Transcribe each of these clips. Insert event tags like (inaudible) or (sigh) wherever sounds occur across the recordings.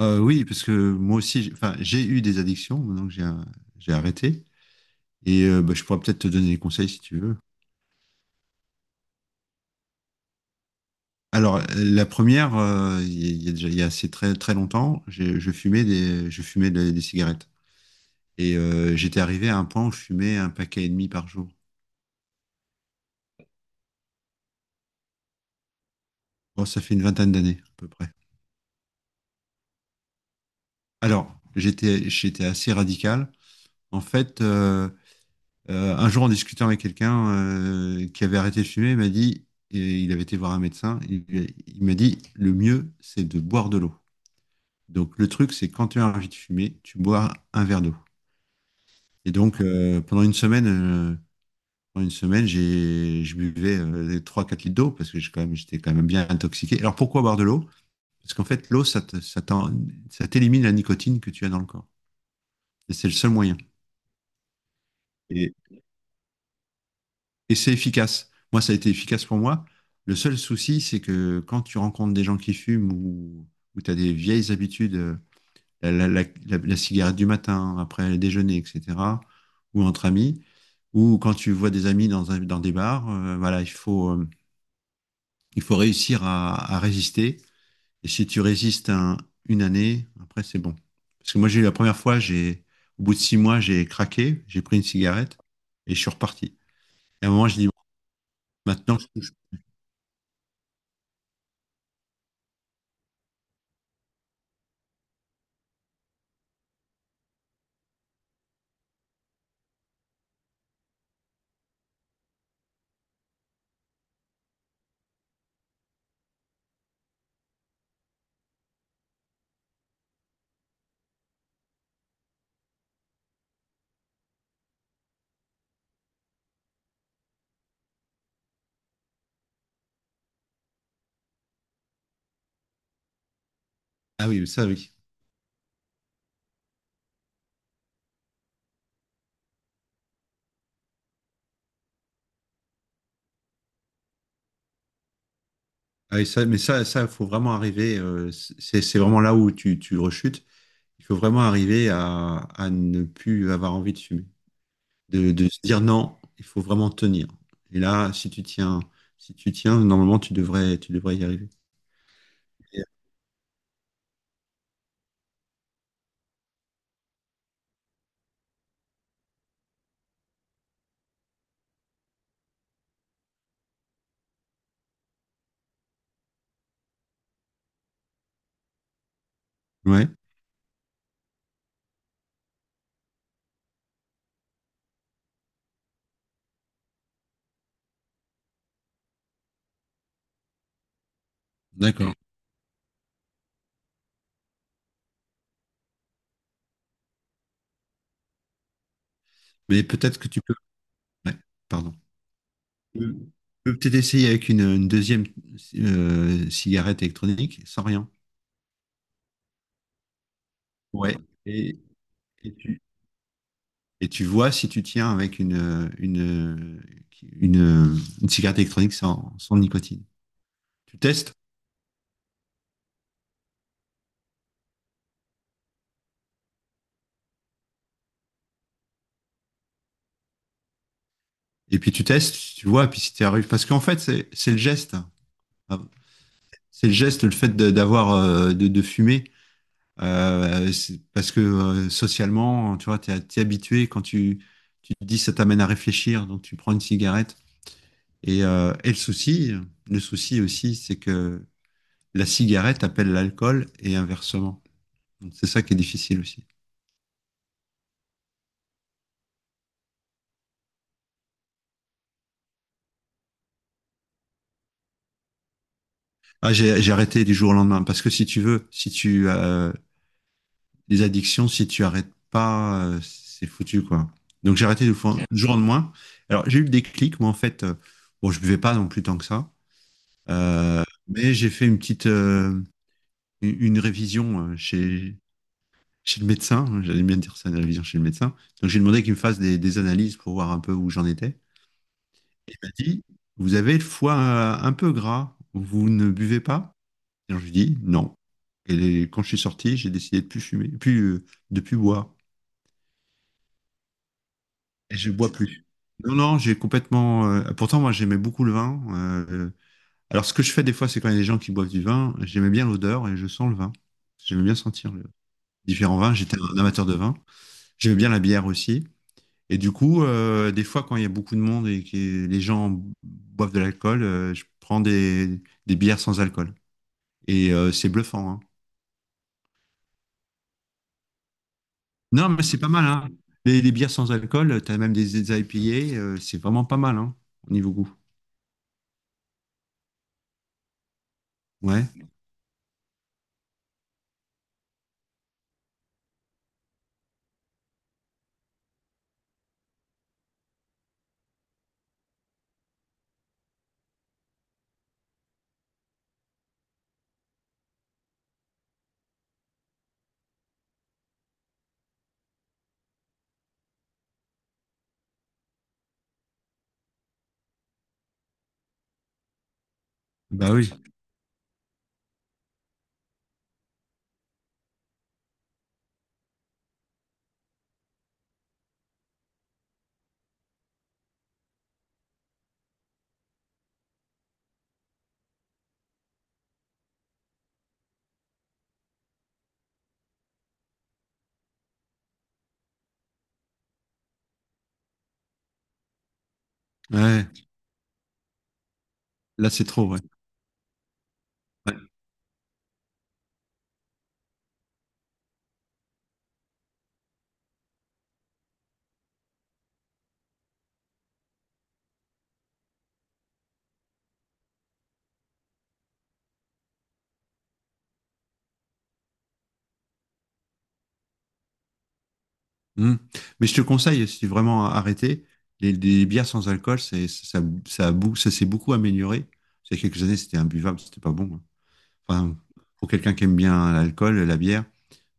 Oui, parce que moi aussi, enfin, j'ai eu des addictions maintenant que j'ai arrêté. Et bah, je pourrais peut-être te donner des conseils si tu veux. Alors, la première, il y a déjà il y a assez très très longtemps, je fumais des cigarettes et j'étais arrivé à un point où je fumais un paquet et demi par jour. Bon, ça fait une vingtaine d'années à peu près. Alors, j'étais assez radical. En fait, un jour, en discutant avec quelqu'un qui avait arrêté de fumer, il m'a dit, et il avait été voir un médecin, il m'a dit, le mieux, c'est de boire de l'eau. Donc le truc, c'est quand tu as envie de fumer, tu bois un verre d'eau. Et donc pendant une semaine, je buvais 3-4 litres d'eau parce que j'étais quand même bien intoxiqué. Alors pourquoi boire de l'eau? Parce qu'en fait, l'eau, ça t'élimine la nicotine que tu as dans le corps. Et c'est le seul moyen. Et, Et c'est efficace. Moi, ça a été efficace pour moi. Le seul souci, c'est que quand tu rencontres des gens qui fument ou tu as des vieilles habitudes, la cigarette du matin, après le déjeuner, etc., ou entre amis, ou quand tu vois des amis dans des bars, voilà, il faut réussir à résister. Et si tu résistes une année, après, c'est bon. Parce que moi, j'ai eu la première fois, au bout de 6 mois, j'ai craqué, j'ai pris une cigarette et je suis reparti. Et à un moment, je dis, maintenant, ah oui, ça, oui. Ah, et ça, faut vraiment arriver. C'est vraiment là où tu rechutes. Il faut vraiment arriver à ne plus avoir envie de fumer, de se dire non. Il faut vraiment tenir. Et là, si tu tiens, normalement, tu devrais y arriver. Ouais, d'accord. Mais peut-être que tu peux. Ouais, pardon. Tu peux tu peux peut-être essayer avec une deuxième cigarette électronique sans rien. Ouais. Et, et tu, Et tu vois si tu tiens avec une cigarette électronique sans nicotine. Tu testes, et puis tu testes, tu vois, et puis si tu arrives. Parce qu'en fait, c'est le geste. C'est le geste, le fait d'avoir, de fumer. Parce que socialement, tu vois, t'es habitué quand tu te dis ça t'amène à réfléchir, donc tu prends une cigarette. Et le souci aussi, c'est que la cigarette appelle l'alcool et inversement. Donc c'est ça qui est difficile aussi. Ah, j'ai arrêté du jour au lendemain parce que si tu veux, si tu les addictions, si tu arrêtes pas, c'est foutu quoi. Donc j'ai arrêté du jour au lendemain. Alors j'ai eu le déclic, moi en fait, bon je buvais pas non plus tant que ça, euh, mais j'ai fait une petite une révision chez le médecin, hein. J'allais bien dire ça, une révision chez le médecin. Donc j'ai demandé qu'il me fasse des analyses pour voir un peu où j'en étais. Il m'a dit, vous avez le foie un peu gras, vous ne buvez pas? Et donc, je lui dis non. Et quand je suis sorti, j'ai décidé de plus fumer, de plus boire. Et je bois plus. Non, non, j'ai complètement. Pourtant, moi, j'aimais beaucoup le vin. euh, alors, ce que je fais des fois, c'est quand il y a des gens qui boivent du vin, j'aimais bien l'odeur et je sens le vin. J'aimais bien sentir différents vins. J'étais un amateur de vin. J'aimais bien la bière aussi. Et du coup, des fois, quand il y a beaucoup de monde et que les gens boivent de l'alcool, je prends des bières sans alcool. Et c'est bluffant, hein. Non, mais c'est pas mal, hein. Les bières sans alcool, t'as même des IPA, c'est vraiment pas mal, hein, au niveau goût. Ouais, bah oui. Ouais, là, c'est trop, ouais. Ouais. Mm. Mais je te conseille, si vraiment arrêté, les bières sans alcool, c'est, ça, a bou- ça s'est beaucoup amélioré. Il y a quelques années, c'était imbuvable, c'était pas bon, hein. Enfin, pour quelqu'un qui aime bien l'alcool, la bière,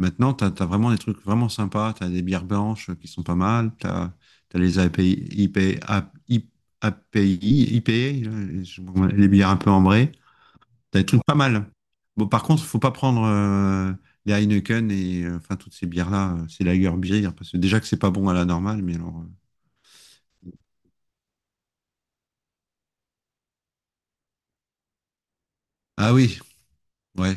maintenant, tu as vraiment des trucs vraiment sympas. Tu as des bières blanches qui sont pas mal. Tu as les API, IP, A- I- API, IPA, les bières un peu ambrées. Tu as des trucs pas mal. Bon, par contre, faut pas prendre les Heineken et enfin toutes ces bières-là. C'est lager bière parce que déjà que c'est pas bon à la normale, mais alors. Ah oui, ouais.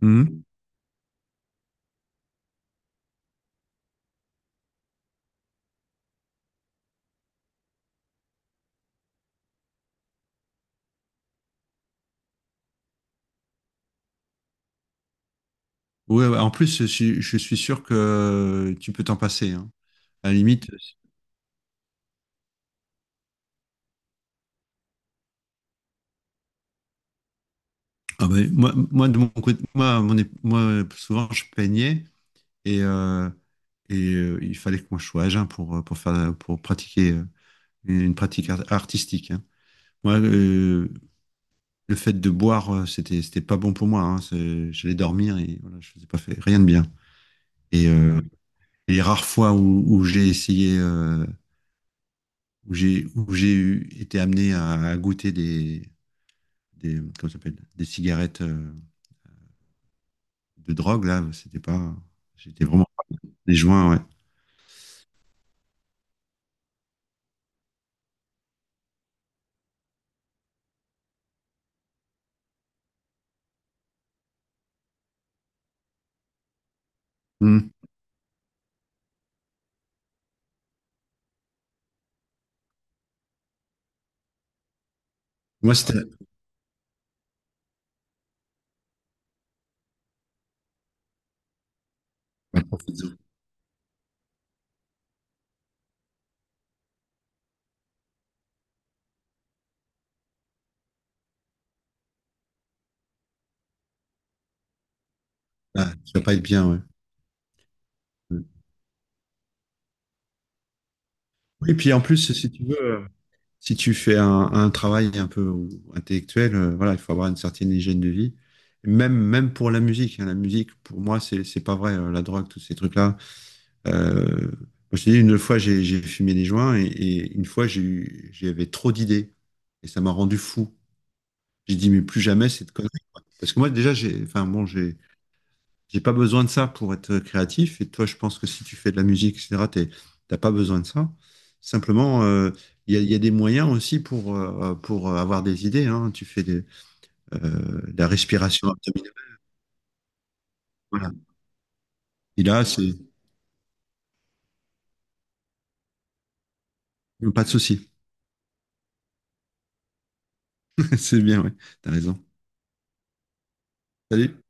Mhm. Ouais, ouais. En plus, je suis sûr que tu peux t'en passer, hein. À la limite, ah ben, moi, de mon côté, moi, moi, souvent, je peignais. Et, euh, et il fallait que moi je sois à jeun pour pratiquer une pratique artistique, hein. Moi, le fait de boire, c'était pas bon pour moi, hein. J'allais dormir et voilà, je faisais pas fait, rien de bien. Et les rares fois où j'ai essayé, où j'ai été amené à goûter comment ça s'appelle, des cigarettes de drogue, là, c'était pas, j'étais vraiment des joints, ouais. Hmm. Moi, c'était, ah, ça va pas être bien, ouais. Oui, puis en plus, si tu veux, si tu fais un travail un peu intellectuel, voilà, il faut avoir une certaine hygiène de vie. Même, même pour la musique, hein. La musique, pour moi, c'est pas vrai. La drogue, tous ces trucs-là. Euh, Moi, je te dis, une fois, j'ai fumé des joints et une fois, j'avais trop d'idées et ça m'a rendu fou. J'ai dit, mais plus jamais cette connerie, quoi. Parce que moi, déjà, enfin, bon, j'ai pas besoin de ça pour être créatif. Et toi, je pense que si tu fais de la musique, etc., t'as pas besoin de ça. Simplement, il y a des moyens aussi pour avoir des idées, hein. Tu fais euh, de la respiration abdominale. Voilà. Et là, c'est pas de souci. (laughs) C'est bien, ouais. T'as raison. Salut.